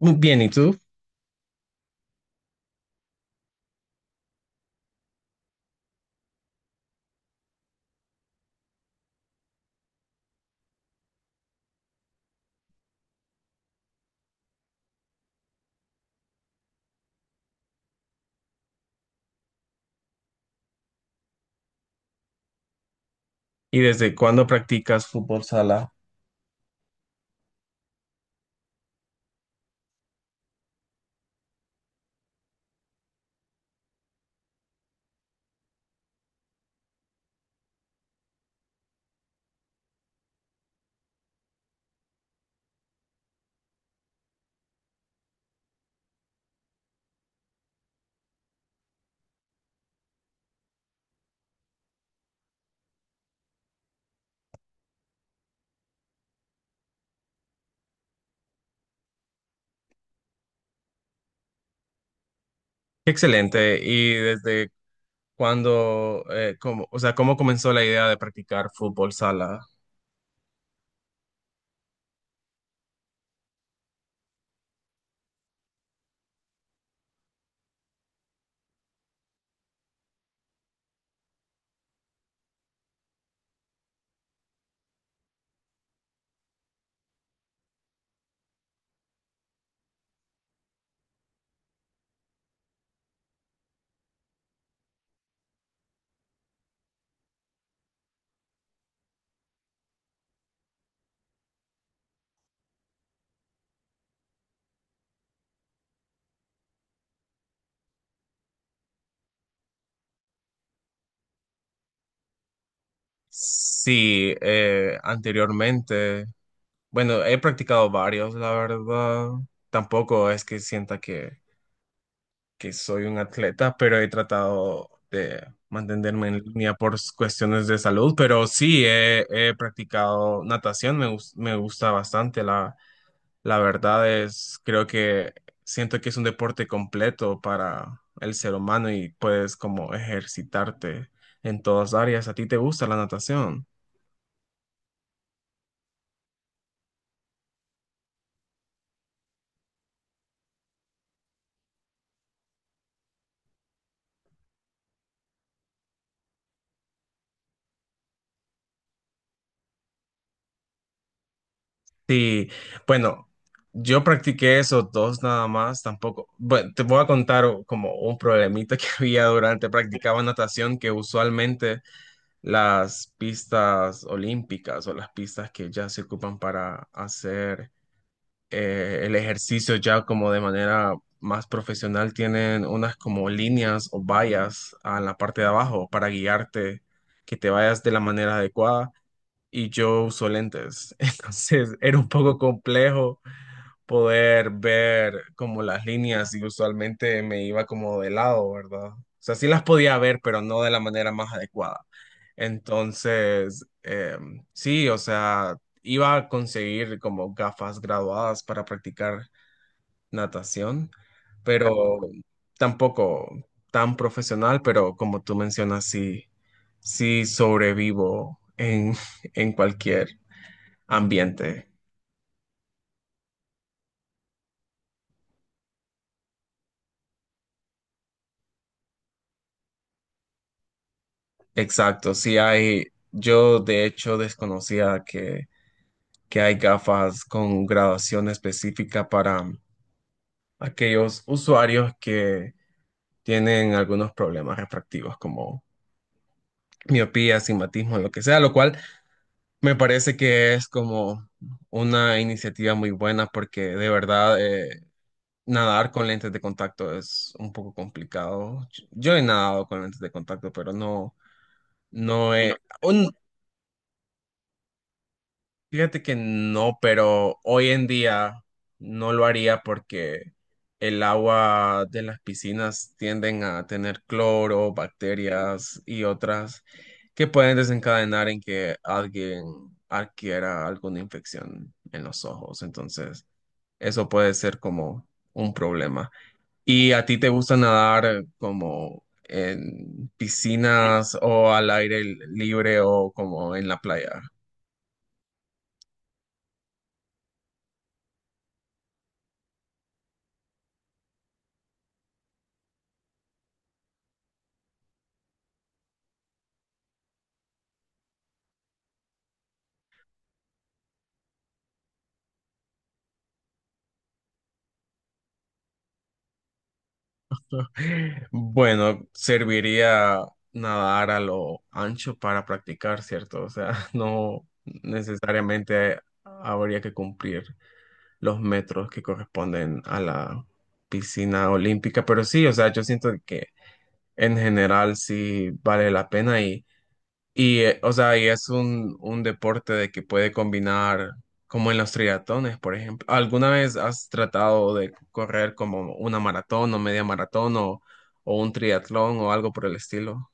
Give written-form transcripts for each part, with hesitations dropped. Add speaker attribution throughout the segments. Speaker 1: Bien, ¿y tú? ¿Y desde cuándo practicas fútbol sala? Excelente. ¿Y desde cuándo, cómo, o sea, cómo comenzó la idea de practicar fútbol sala? Sí, anteriormente, bueno, he practicado varios, la verdad. Tampoco es que que soy un atleta, pero he tratado de mantenerme en línea por cuestiones de salud. Pero sí, he practicado natación, me, me gusta bastante. La verdad es, creo que siento que es un deporte completo para el ser humano y puedes como ejercitarte en todas áreas. ¿A ti te gusta la natación? Sí, bueno, yo practiqué esos dos nada más, tampoco. Bueno, te voy a contar como un problemita que había durante, practicaba natación que usualmente las pistas olímpicas o las pistas que ya se ocupan para hacer el ejercicio ya como de manera más profesional tienen unas como líneas o vallas en la parte de abajo para guiarte, que te vayas de la manera adecuada. Y yo uso lentes, entonces era un poco complejo poder ver como las líneas y usualmente me iba como de lado, ¿verdad? O sea, sí las podía ver, pero no de la manera más adecuada. Entonces, sí, o sea, iba a conseguir como gafas graduadas para practicar natación, pero tampoco tan profesional, pero como tú mencionas, sí, sí sobrevivo en, en cualquier ambiente. Exacto, yo de hecho desconocía que hay gafas con graduación específica para aquellos usuarios que tienen algunos problemas refractivos como miopía, astigmatismo, lo que sea, lo cual me parece que es como una iniciativa muy buena porque de verdad nadar con lentes de contacto es un poco complicado. Yo he nadado con lentes de contacto, pero no, no No, he, un- fíjate que no, pero hoy en día no lo haría porque el agua de las piscinas tienden a tener cloro, bacterias y otras que pueden desencadenar en que alguien adquiera alguna infección en los ojos. Entonces, eso puede ser como un problema. ¿Y a ti te gusta nadar como en piscinas o al aire libre o como en la playa? Bueno, serviría nadar a lo ancho para practicar, ¿cierto? O sea, no necesariamente habría que cumplir los metros que corresponden a la piscina olímpica, pero sí, o sea, yo siento que en general sí vale la pena y, o sea, y es un deporte de que puede combinar, como en los triatones, por ejemplo. ¿Alguna vez has tratado de correr como una maratón o media maratón o un triatlón o algo por el estilo?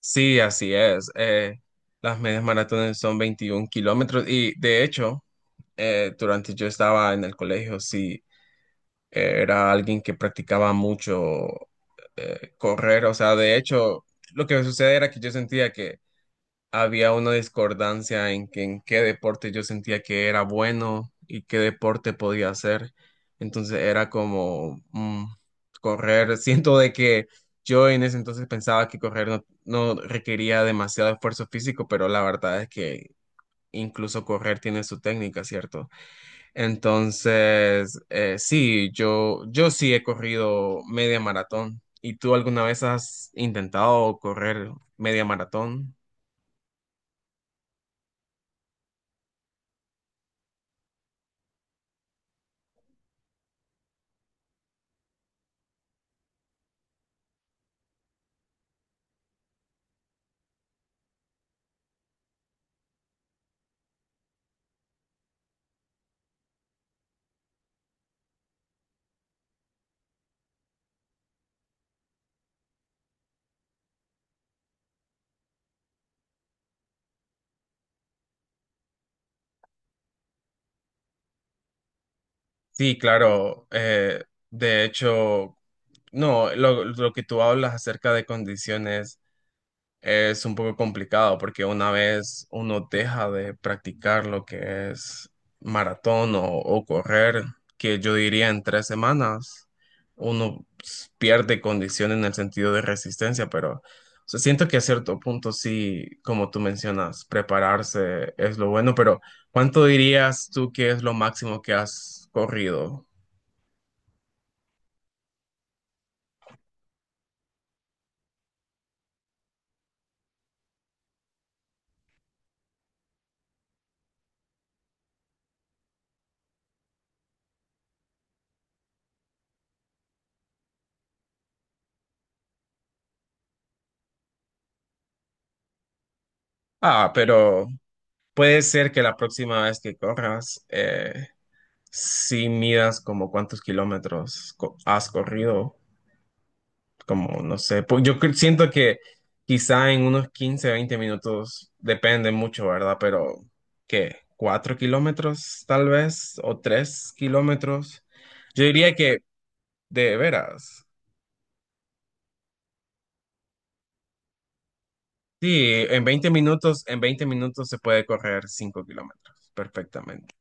Speaker 1: Sí, así es. Las medias maratones son 21 kilómetros y de hecho, durante yo estaba en el colegio, sí, era alguien que practicaba mucho correr. O sea, de hecho, lo que sucede era que yo sentía que había una discordancia en que en qué deporte yo sentía que era bueno y qué deporte podía hacer. Entonces era como correr. Siento de que yo en ese entonces pensaba que correr no requería demasiado esfuerzo físico, pero la verdad es que incluso correr tiene su técnica, ¿cierto? Entonces, sí, yo sí he corrido media maratón. ¿Y tú alguna vez has intentado correr media maratón? Sí, claro. Eh, de hecho, no, lo que tú hablas acerca de condiciones es un poco complicado porque una vez uno deja de practicar lo que es maratón o correr, que yo diría en 3 semanas, uno pues, pierde condición en el sentido de resistencia, pero o sea, siento que a cierto punto sí, como tú mencionas, prepararse es lo bueno, pero ¿cuánto dirías tú que es lo máximo que has corrido? Ah, pero puede ser que la próxima vez que corras, si midas como cuántos kilómetros has corrido, como no sé, pues siento que quizá en unos 15, 20 minutos, depende mucho, ¿verdad? Pero ¿qué? ¿4 kilómetros tal vez? ¿O 3 kilómetros? Yo diría que de veras, sí, en 20 minutos, en 20 minutos se puede correr 5 kilómetros perfectamente.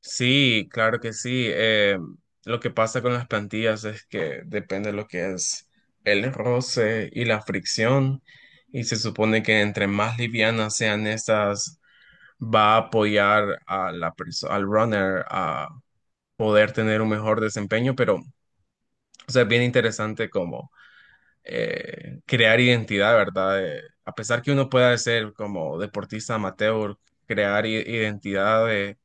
Speaker 1: Sí, claro que sí. Lo que pasa con las plantillas es que depende de lo que es el roce y la fricción. Y se supone que entre más livianas sean estas, va a apoyar a la al runner a poder tener un mejor desempeño. Pero, o sea, es bien interesante como crear identidad, ¿verdad? A pesar que uno pueda ser como deportista amateur, crear identidad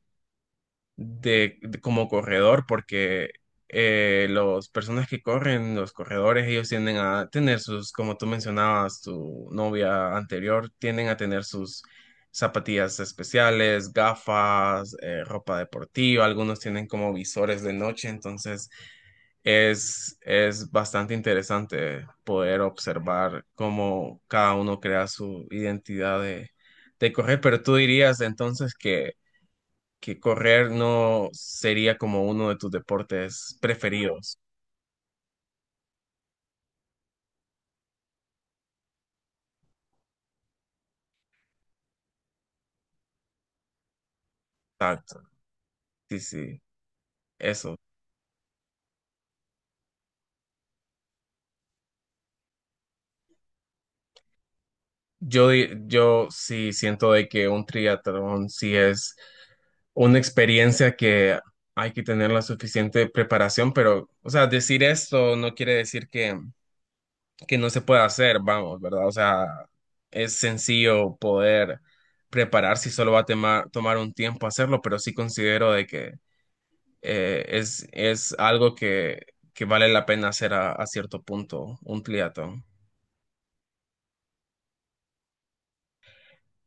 Speaker 1: como corredor, porque las personas que corren los corredores, ellos tienden a tener sus, como tú mencionabas, tu novia anterior, tienden a tener sus zapatillas especiales, gafas, ropa deportiva, algunos tienen como visores de noche, entonces es bastante interesante poder observar cómo cada uno crea su identidad de correr, pero tú dirías entonces que correr no sería como uno de tus deportes preferidos. Exacto. Sí, sí, eso. Yo sí siento de que un triatlón sí es una experiencia que hay que tener la suficiente preparación, pero, o sea, decir esto no quiere decir que no se pueda hacer, vamos, ¿verdad? O sea, es sencillo poder prepararse y solo va a tomar un tiempo hacerlo, pero sí considero de que es algo que vale la pena hacer a cierto punto, un triatlón.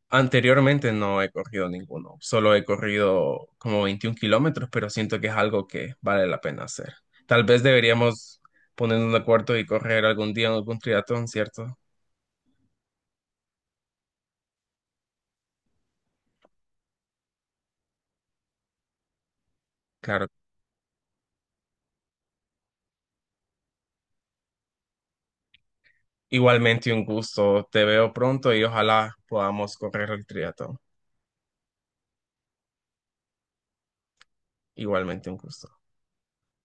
Speaker 1: Anteriormente no he corrido ninguno, solo he corrido como 21 kilómetros, pero siento que es algo que vale la pena hacer. Tal vez deberíamos ponernos de acuerdo y correr algún día en algún triatlón, ¿cierto? Claro. Igualmente un gusto, te veo pronto y ojalá podamos correr el triatlón. Igualmente un gusto.